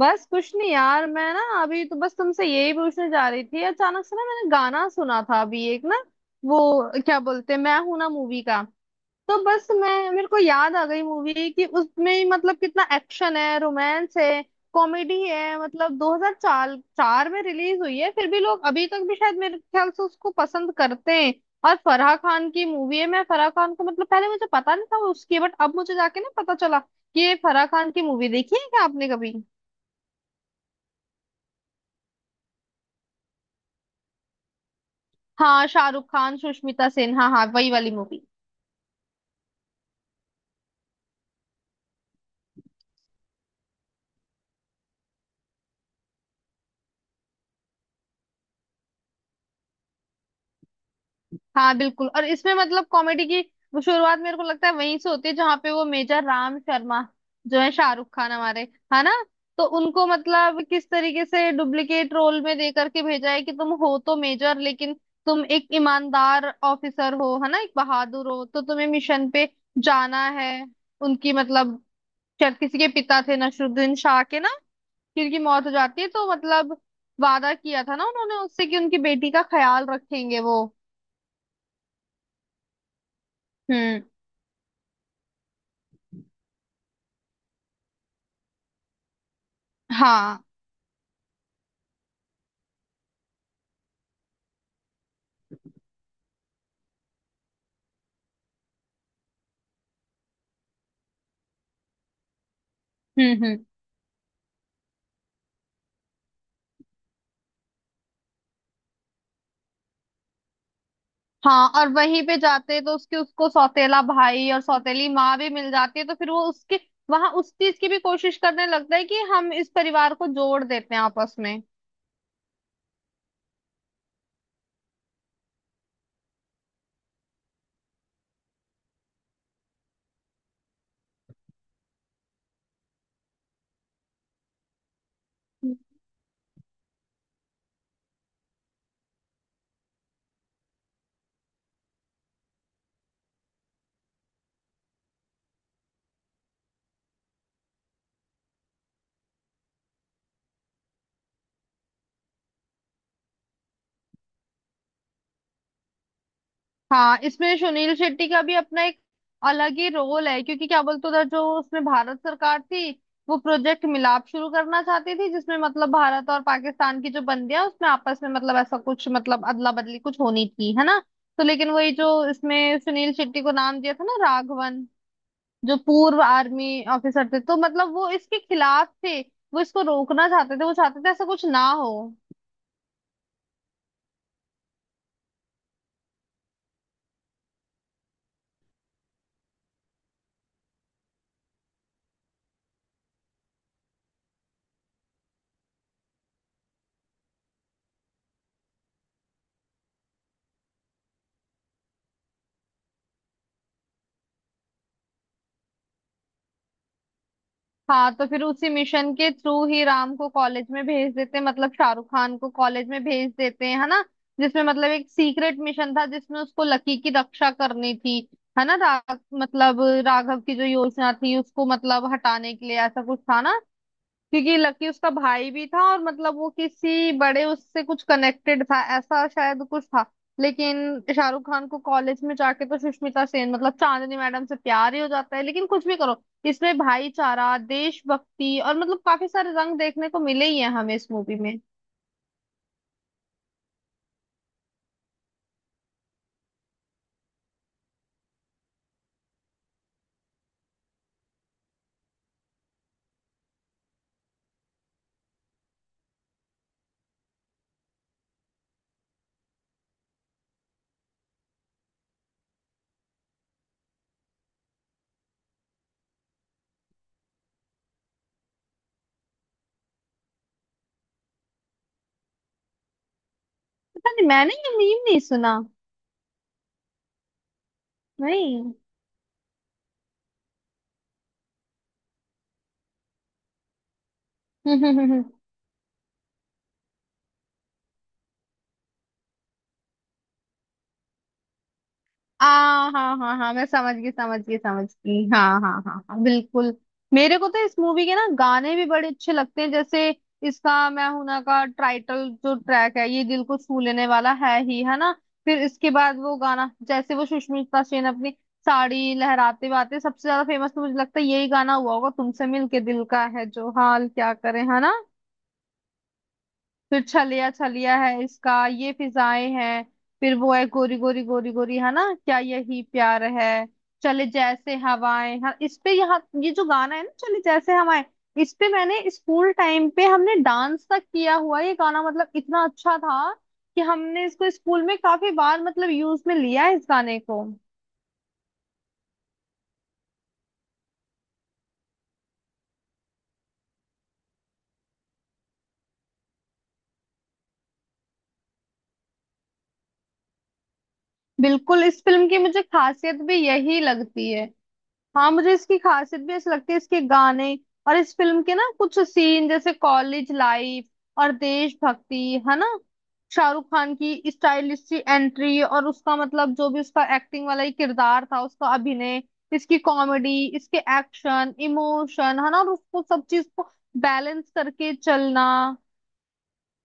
बस कुछ नहीं यार। मैं ना अभी तो बस तुमसे यही पूछने जा रही थी। अचानक से ना मैंने गाना सुना था अभी एक ना, वो क्या बोलते हैं, मैं हूं ना मूवी का। तो बस मैं, मेरे को याद आ गई मूवी कि उसमें ही मतलब कितना एक्शन है, रोमांस है, कॉमेडी है, मतलब 2004 चार चार में रिलीज हुई है, फिर भी लोग अभी तक भी शायद मेरे ख्याल से उसको पसंद करते हैं। और फराह खान की मूवी है। मैं फराह खान को मतलब पहले मुझे पता नहीं था उसकी, बट अब मुझे जाके ना पता चला कि ये फराह खान की मूवी। देखी है क्या आपने कभी? हाँ, शाहरुख खान, सुष्मिता सेन, हाँ हाँ, वही वाली मूवी। हाँ बिल्कुल, और इसमें मतलब कॉमेडी की वो शुरुआत मेरे को लगता है वहीं से होती है जहाँ पे वो मेजर राम शर्मा, जो है शाहरुख खान हमारे, है ना। तो उनको मतलब किस तरीके से डुप्लीकेट रोल में दे करके भेजा है कि तुम हो तो मेजर, लेकिन तुम एक ईमानदार ऑफिसर हो, है ना, एक बहादुर हो, तो तुम्हें मिशन पे जाना है। उनकी मतलब शायद किसी के पिता थे नसरुद्दीन शाह के ना, किर की मौत हो जाती है, तो मतलब वादा किया था ना उन्होंने उससे कि उनकी बेटी का ख्याल रखेंगे वो। हम्म। हाँ। हम्म। हम्म। हाँ, और वहीं पे जाते तो उसके उसको सौतेला भाई और सौतेली माँ भी मिल जाती है, तो फिर वो उसके वहां उस चीज की भी कोशिश करने लगता है कि हम इस परिवार को जोड़ देते हैं आपस में। हाँ, इसमें सुनील शेट्टी का भी अपना एक अलग ही रोल है, क्योंकि क्या बोलते, उधर जो उसमें भारत सरकार थी वो प्रोजेक्ट मिलाप शुरू करना चाहती थी, जिसमें मतलब भारत और पाकिस्तान की जो बंदियां, उसमें आपस में मतलब ऐसा कुछ, मतलब अदला बदली कुछ होनी थी, है ना। तो लेकिन वही, जो इसमें सुनील शेट्टी को नाम दिया था ना राघवन, जो पूर्व आर्मी ऑफिसर थे, तो मतलब वो इसके खिलाफ थे, वो इसको रोकना चाहते थे, वो चाहते थे ऐसा कुछ ना हो। हाँ तो फिर उसी मिशन के थ्रू ही राम को कॉलेज में भेज देते हैं, मतलब शाहरुख खान को कॉलेज में भेज देते हैं, है ना। जिसमें मतलब एक सीक्रेट मिशन था जिसमें उसको लकी की रक्षा करनी थी, है ना। मतलब राघव की जो योजना थी उसको मतलब हटाने के लिए, ऐसा कुछ था ना। क्योंकि लकी उसका भाई भी था, और मतलब वो किसी बड़े उससे कुछ कनेक्टेड था, ऐसा शायद कुछ था। लेकिन शाहरुख खान को कॉलेज में जाके तो सुष्मिता सेन मतलब चांदनी मैडम से प्यार ही हो जाता है। लेकिन कुछ भी करो, इसमें भाईचारा, देशभक्ति और मतलब काफी सारे रंग देखने को मिले ही हैं हमें इस मूवी में। पता नहीं, मैंने ये मीम नहीं सुना। नहीं। आ हाँ हाँ हाँ, मैं समझ गई, समझ गई, समझ गई, हाँ हाँ हाँ हाँ बिल्कुल। मेरे को तो इस मूवी के ना गाने भी बड़े अच्छे लगते हैं, जैसे इसका मैं हूं ना का टाइटल जो ट्रैक है, ये दिल को छू लेने वाला है ही, है ना। फिर इसके बाद वो गाना, जैसे वो सुष्मिता सेन अपनी साड़ी लहराते हुए, सबसे ज्यादा फेमस तो मुझे लगता है यही गाना हुआ होगा, तुमसे मिलके दिल का है जो हाल क्या करे, है ना। फिर छलिया छलिया है, इसका ये फिजाएं हैं। फिर वो है गोरी गोरी गोरी गोरी, है ना, क्या यही प्यार है, चले जैसे हवाएं, हाँ इस पे यहाँ, ये जो गाना है ना चले जैसे हवाएं, इस पे मैंने, स्कूल टाइम पे हमने डांस तक किया हुआ है। ये गाना मतलब इतना अच्छा था, कि हमने इसको स्कूल में काफी बार मतलब यूज में लिया है, इस गाने को। बिल्कुल, इस फिल्म की मुझे खासियत भी यही लगती है। हाँ, मुझे इसकी खासियत भी ऐसी लगती है, इसके गाने, और इस फिल्म के ना कुछ सीन, जैसे कॉलेज लाइफ और देशभक्ति, है ना, शाहरुख खान की स्टाइलिश सी एंट्री, और उसका मतलब जो भी उसका एक्टिंग वाला ये किरदार था, उसका अभिनय, इसकी कॉमेडी, इसके एक्शन, इमोशन, है ना, और उसको सब चीज को बैलेंस करके चलना।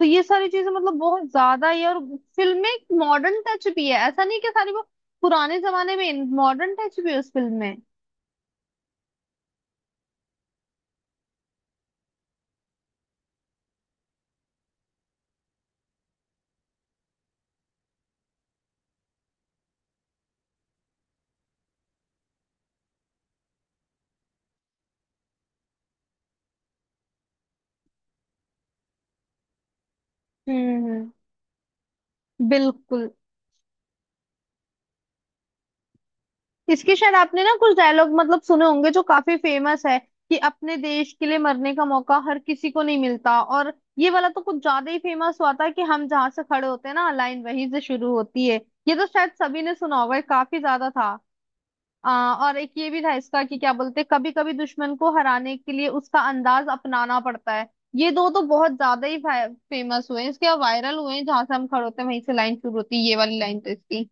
तो ये सारी चीजें मतलब बहुत ज्यादा ही है, और फिल्म में एक मॉडर्न टच भी है, ऐसा नहीं कि सारी वो पुराने जमाने में, मॉडर्न टच भी है उस फिल्म में। हम्म। हम्म। बिल्कुल। इसके शायद आपने ना कुछ डायलॉग मतलब सुने होंगे जो काफी फेमस है, कि अपने देश के लिए मरने का मौका हर किसी को नहीं मिलता, और ये वाला तो कुछ ज्यादा ही फेमस हुआ था, कि हम जहां से खड़े होते हैं ना, लाइन वहीं से शुरू होती है, ये तो शायद सभी ने सुना होगा, ये काफी ज्यादा था। और एक ये भी था इसका कि क्या बोलते, कभी कभी दुश्मन को हराने के लिए उसका अंदाज अपनाना पड़ता है, ये दो तो बहुत ज्यादा ही फेमस हुए हैं इसके, वायरल हुए हैं, जहां से हम खड़े होते हैं वहीं से लाइन शुरू होती है, ये वाली लाइन तो इसकी।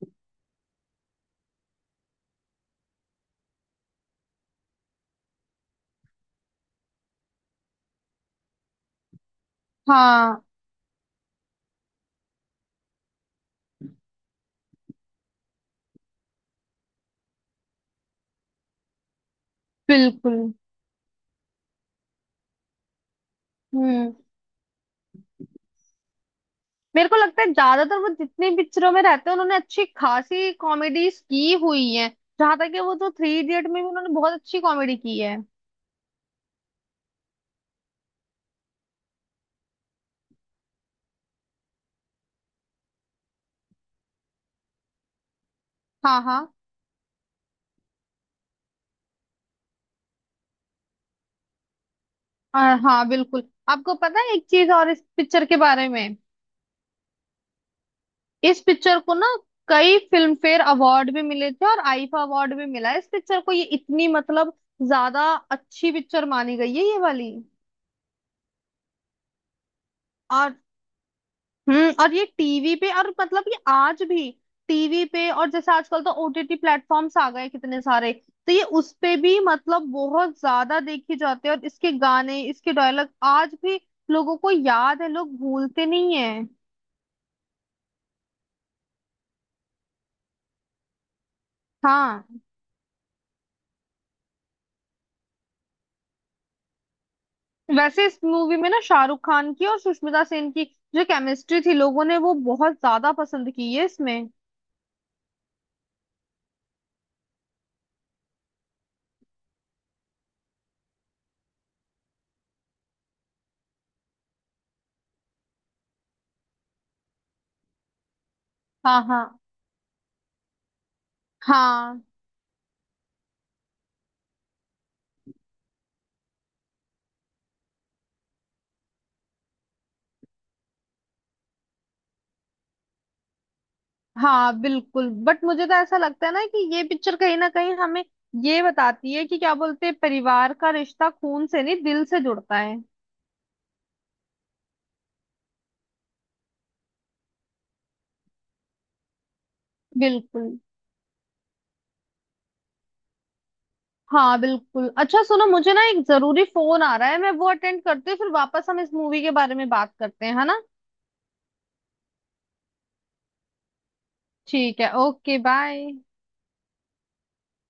हाँ बिल्कुल। हम्म। मेरे को लगता है ज्यादातर वो जितनी पिक्चरों में रहते हैं उन्होंने अच्छी खासी कॉमेडीज की हुई है, जहां तक कि वो तो थ्री इडियट में भी उन्होंने बहुत अच्छी कॉमेडी की है। हाँ हाँ। हाँ बिल्कुल। आपको पता है एक चीज और इस पिक्चर के बारे में? इस पिक्चर को ना कई फिल्म फेयर अवार्ड भी मिले थे, और आईफा अवार्ड भी मिला है इस पिक्चर को, ये इतनी मतलब ज्यादा अच्छी पिक्चर मानी गई है ये वाली। और और ये टीवी पे, और मतलब ये आज भी टीवी पे, और जैसे आजकल तो ओटीटी प्लेटफॉर्म्स आ गए हैं कितने सारे, तो ये उस पे भी मतलब बहुत ज्यादा देखी जाती है, और इसके गाने, इसके डायलॉग आज भी लोगों को याद है, लोग भूलते नहीं है। हाँ। वैसे इस मूवी में ना शाहरुख खान की और सुष्मिता सेन की जो केमिस्ट्री थी, लोगों ने वो बहुत ज्यादा पसंद की है इसमें। हाँ हाँ हाँ हाँ बिल्कुल, बट मुझे तो ऐसा लगता है ना कि ये पिक्चर कहीं ना कहीं हमें ये बताती है कि क्या बोलते हैं, परिवार का रिश्ता खून से नहीं दिल से जुड़ता है। बिल्कुल। हाँ बिल्कुल, अच्छा सुनो, मुझे ना एक जरूरी फोन आ रहा है, मैं वो अटेंड करती हूँ, फिर वापस हम इस मूवी के बारे में बात करते हैं, है ना। ठीक है, ओके बाय।